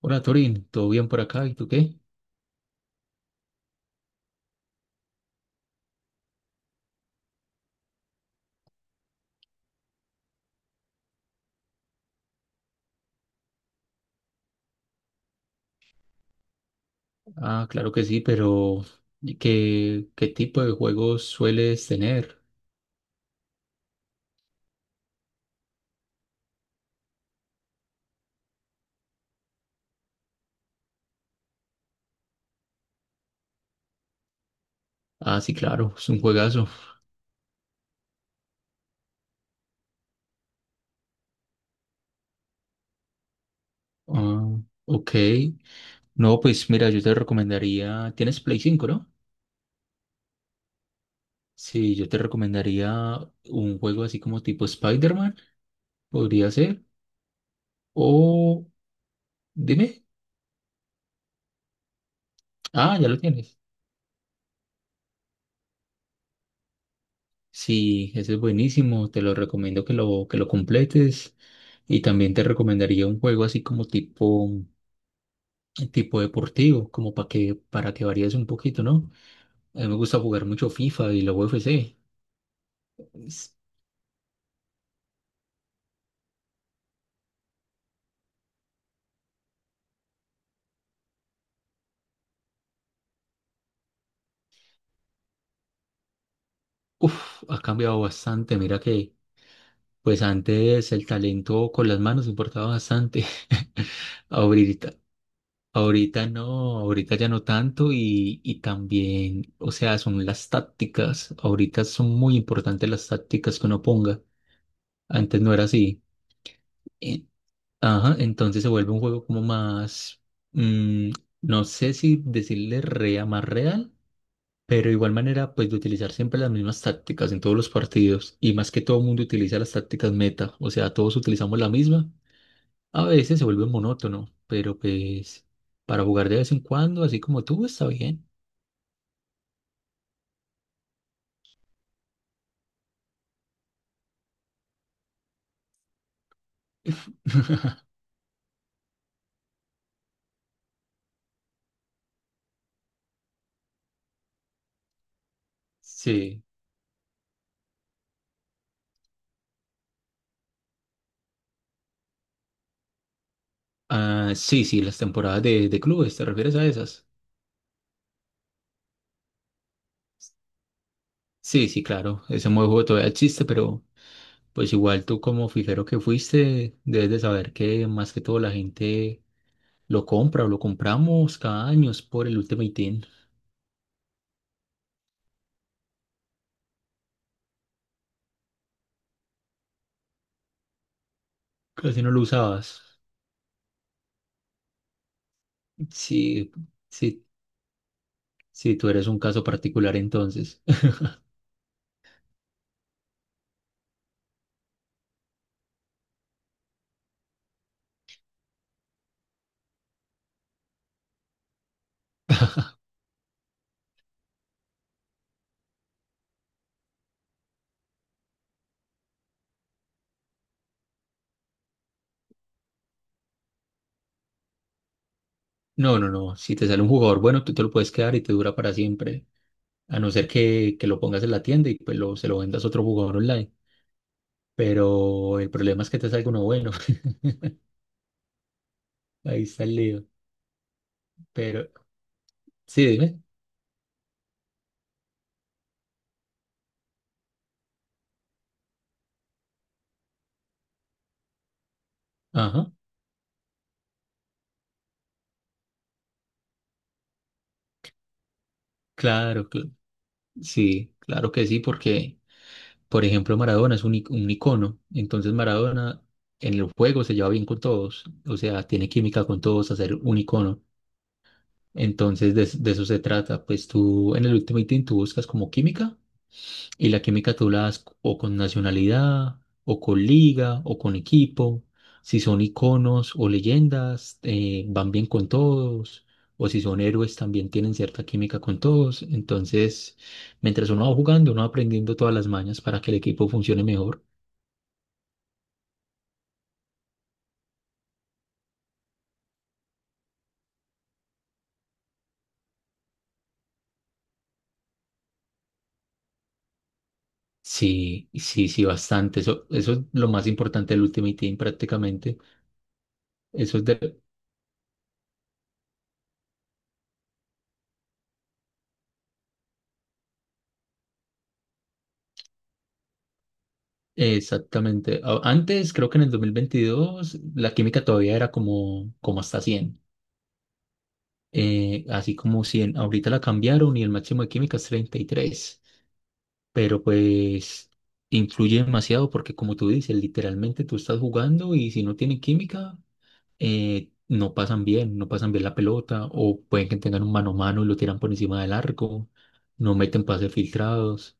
Hola Torín, ¿todo bien por acá? ¿Y tú qué? Ah, claro que sí, pero ¿Qué tipo de juegos sueles tener? Ah, sí, claro, es un juegazo. Ah, ok. No, pues mira, yo te recomendaría, tienes Play 5, ¿no? Sí, yo te recomendaría un juego así como tipo Spider-Man, podría ser. O dime, ah, ya lo tienes. Sí, ese es buenísimo, te lo recomiendo que lo completes. Y también te recomendaría un juego así como tipo tipo deportivo, como para que varíes un poquito, ¿no? A mí me gusta jugar mucho FIFA y la UFC. Es- Uf, ha cambiado bastante. Mira que, pues antes el talento con las manos importaba bastante. Ahorita, ahorita no, ahorita ya no tanto y también, o sea, son las tácticas. Ahorita son muy importantes las tácticas que uno ponga. Antes no era así. Eh, Ajá, entonces se vuelve un juego como más, mm, no sé si decirle rea más real, pero de igual manera, pues de utilizar siempre las mismas tácticas en todos los partidos, y más que todo el mundo utiliza las tácticas meta, o sea, todos utilizamos la misma. A veces se vuelve monótono, pero pues para jugar de vez en cuando, así como tú, está bien. Sí, ah, sí, sí, las temporadas de clubes, ¿te refieres a esas? Sí, sí, claro, ese modo de juego todavía existe, pero pues igual tú como fijero que fuiste, debes de saber que más que todo la gente lo compra o lo compramos cada año es por el Ultimate Team. Casi no lo usabas. Sí, sí, sí, tú eres un caso particular entonces. No, no, no. Si te sale un jugador bueno, tú te lo puedes quedar y te dura para siempre. A no ser que lo pongas en la tienda y pues lo, se lo vendas a otro jugador online. Pero el problema es que te salga uno bueno. Ahí está el lío. Pero, sí, dime. Ajá. Claro, cl- Sí, claro que sí, porque, por ejemplo, Maradona es un, un icono. Entonces, Maradona en el juego se lleva bien con todos. O sea, tiene química con todos a ser un icono. Entonces, de eso se trata. Pues tú en el Ultimate Team tú buscas como química, y la química tú la das o con nacionalidad, o con liga, o con equipo. Si son iconos o leyendas, van bien con todos. O si son héroes, también tienen cierta química con todos. Entonces, mientras uno va jugando, uno va aprendiendo todas las mañas para que el equipo funcione mejor. Sí, sí, sí, bastante. Eso es lo más importante del Ultimate Team prácticamente. Eso es de Exactamente. Antes, creo que en el 2022 la química todavía era como, como hasta cien, así como 100, ahorita la cambiaron y el máximo de química es treinta y tres, pero pues influye demasiado porque como tú dices, literalmente tú estás jugando y si no tienen química, no pasan bien, no pasan bien la pelota, o pueden que tengan un mano a mano y lo tiran por encima del arco, no meten pases filtrados.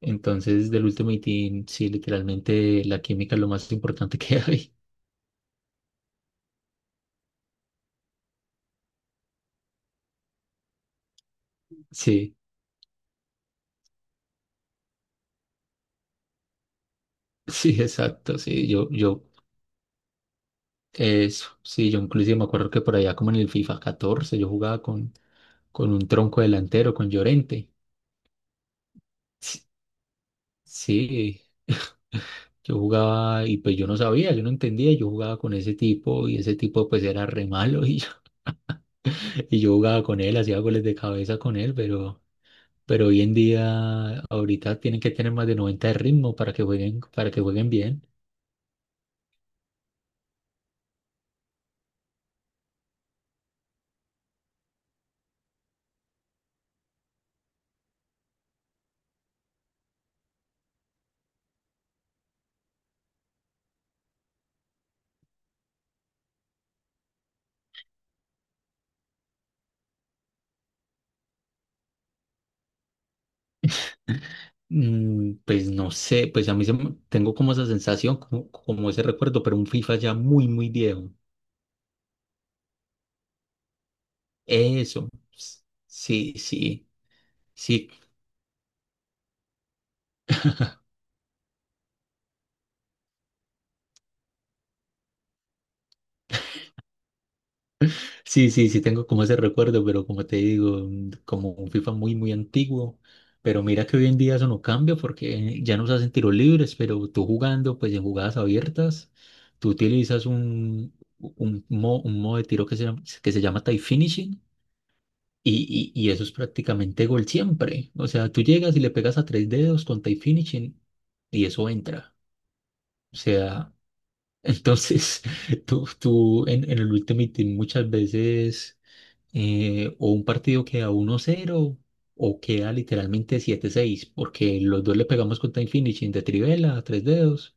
Entonces, del Ultimate Team, sí, literalmente la química es lo más importante que hay. Sí, sí, exacto, sí, yo eso, sí, yo inclusive me acuerdo que por allá como en el FIFA 14, yo jugaba con un tronco delantero, con Llorente. Sí, sí, yo jugaba y pues yo no sabía, yo no entendía, yo jugaba con ese tipo y ese tipo pues era re malo y yo, y yo jugaba con él, hacía goles de cabeza con él, pero hoy en día ahorita tienen que tener más de 90 de ritmo para que jueguen bien. Pues no sé, pues a mí tengo como esa sensación, como, como ese recuerdo, pero un FIFA ya muy, muy viejo. Eso, sí, sí, sí, sí, sí, sí, tengo como ese recuerdo, pero como te digo, mm, como un FIFA muy, muy antiguo, pero mira que hoy en día eso no cambia porque ya nos hacen tiros libres, pero tú jugando, pues en jugadas abiertas, tú utilizas un, un modo de tiro que se llama tie finishing y eso es prácticamente gol siempre, o sea, tú llegas y le pegas a tres dedos con tie finishing y eso entra, o sea Entonces, tú en el Ultimate Team muchas veces o un partido queda uno cero o queda literalmente siete seis porque los dos le pegamos con time finishing de Trivela, tres dedos,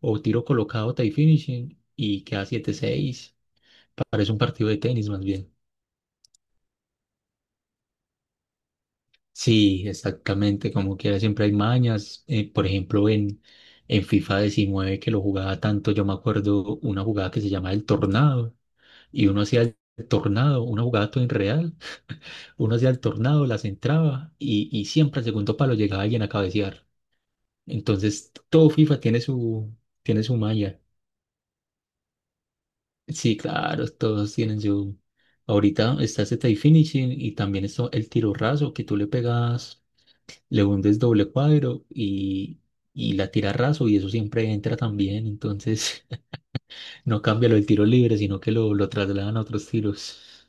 o tiro colocado time finishing y queda siete seis. Parece un partido de tenis más bien. Sí, exactamente, como quiera, siempre hay mañas. Por ejemplo, en FIFA 19 que lo jugaba tanto, yo me acuerdo una jugada que se llama El Tornado y uno hacía el tornado, una jugada todo irreal, uno hacía el tornado, las entraba y siempre al segundo palo llegaba alguien a cabecear. Entonces, todo FIFA tiene su malla. Sí, claro, todos tienen su Ahorita está ese tie finishing y también está el tiro raso que tú le pegas, le hundes doble cuadro y la tira raso y eso siempre entra también. Entonces, no cambia lo del tiro libre, sino que lo trasladan a otros tiros.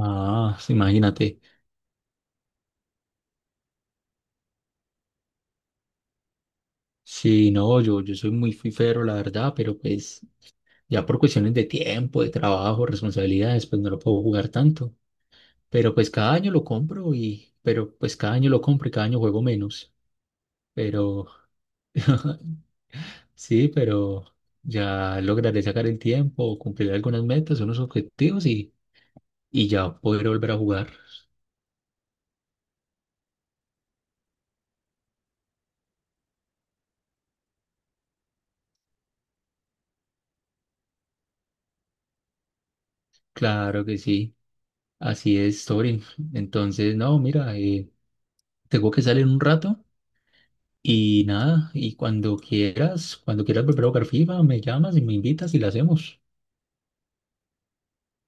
Ah, imagínate. Sí, no, yo soy muy fifero, la verdad, pero pues ya por cuestiones de tiempo, de trabajo, responsabilidades, pues no lo puedo jugar tanto. Pero pues cada año lo compro y cada año juego menos. Pero sí, pero ya lograré sacar el tiempo, cumplir algunas metas, unos objetivos y ya podré volver a jugar. Claro que sí, así es, Torin. Entonces, no, mira, tengo que salir un rato. Y nada, cuando quieras volver a jugar FIFA, me llamas y me invitas y la hacemos.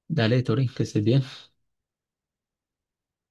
Dale, Tori, que estés bien.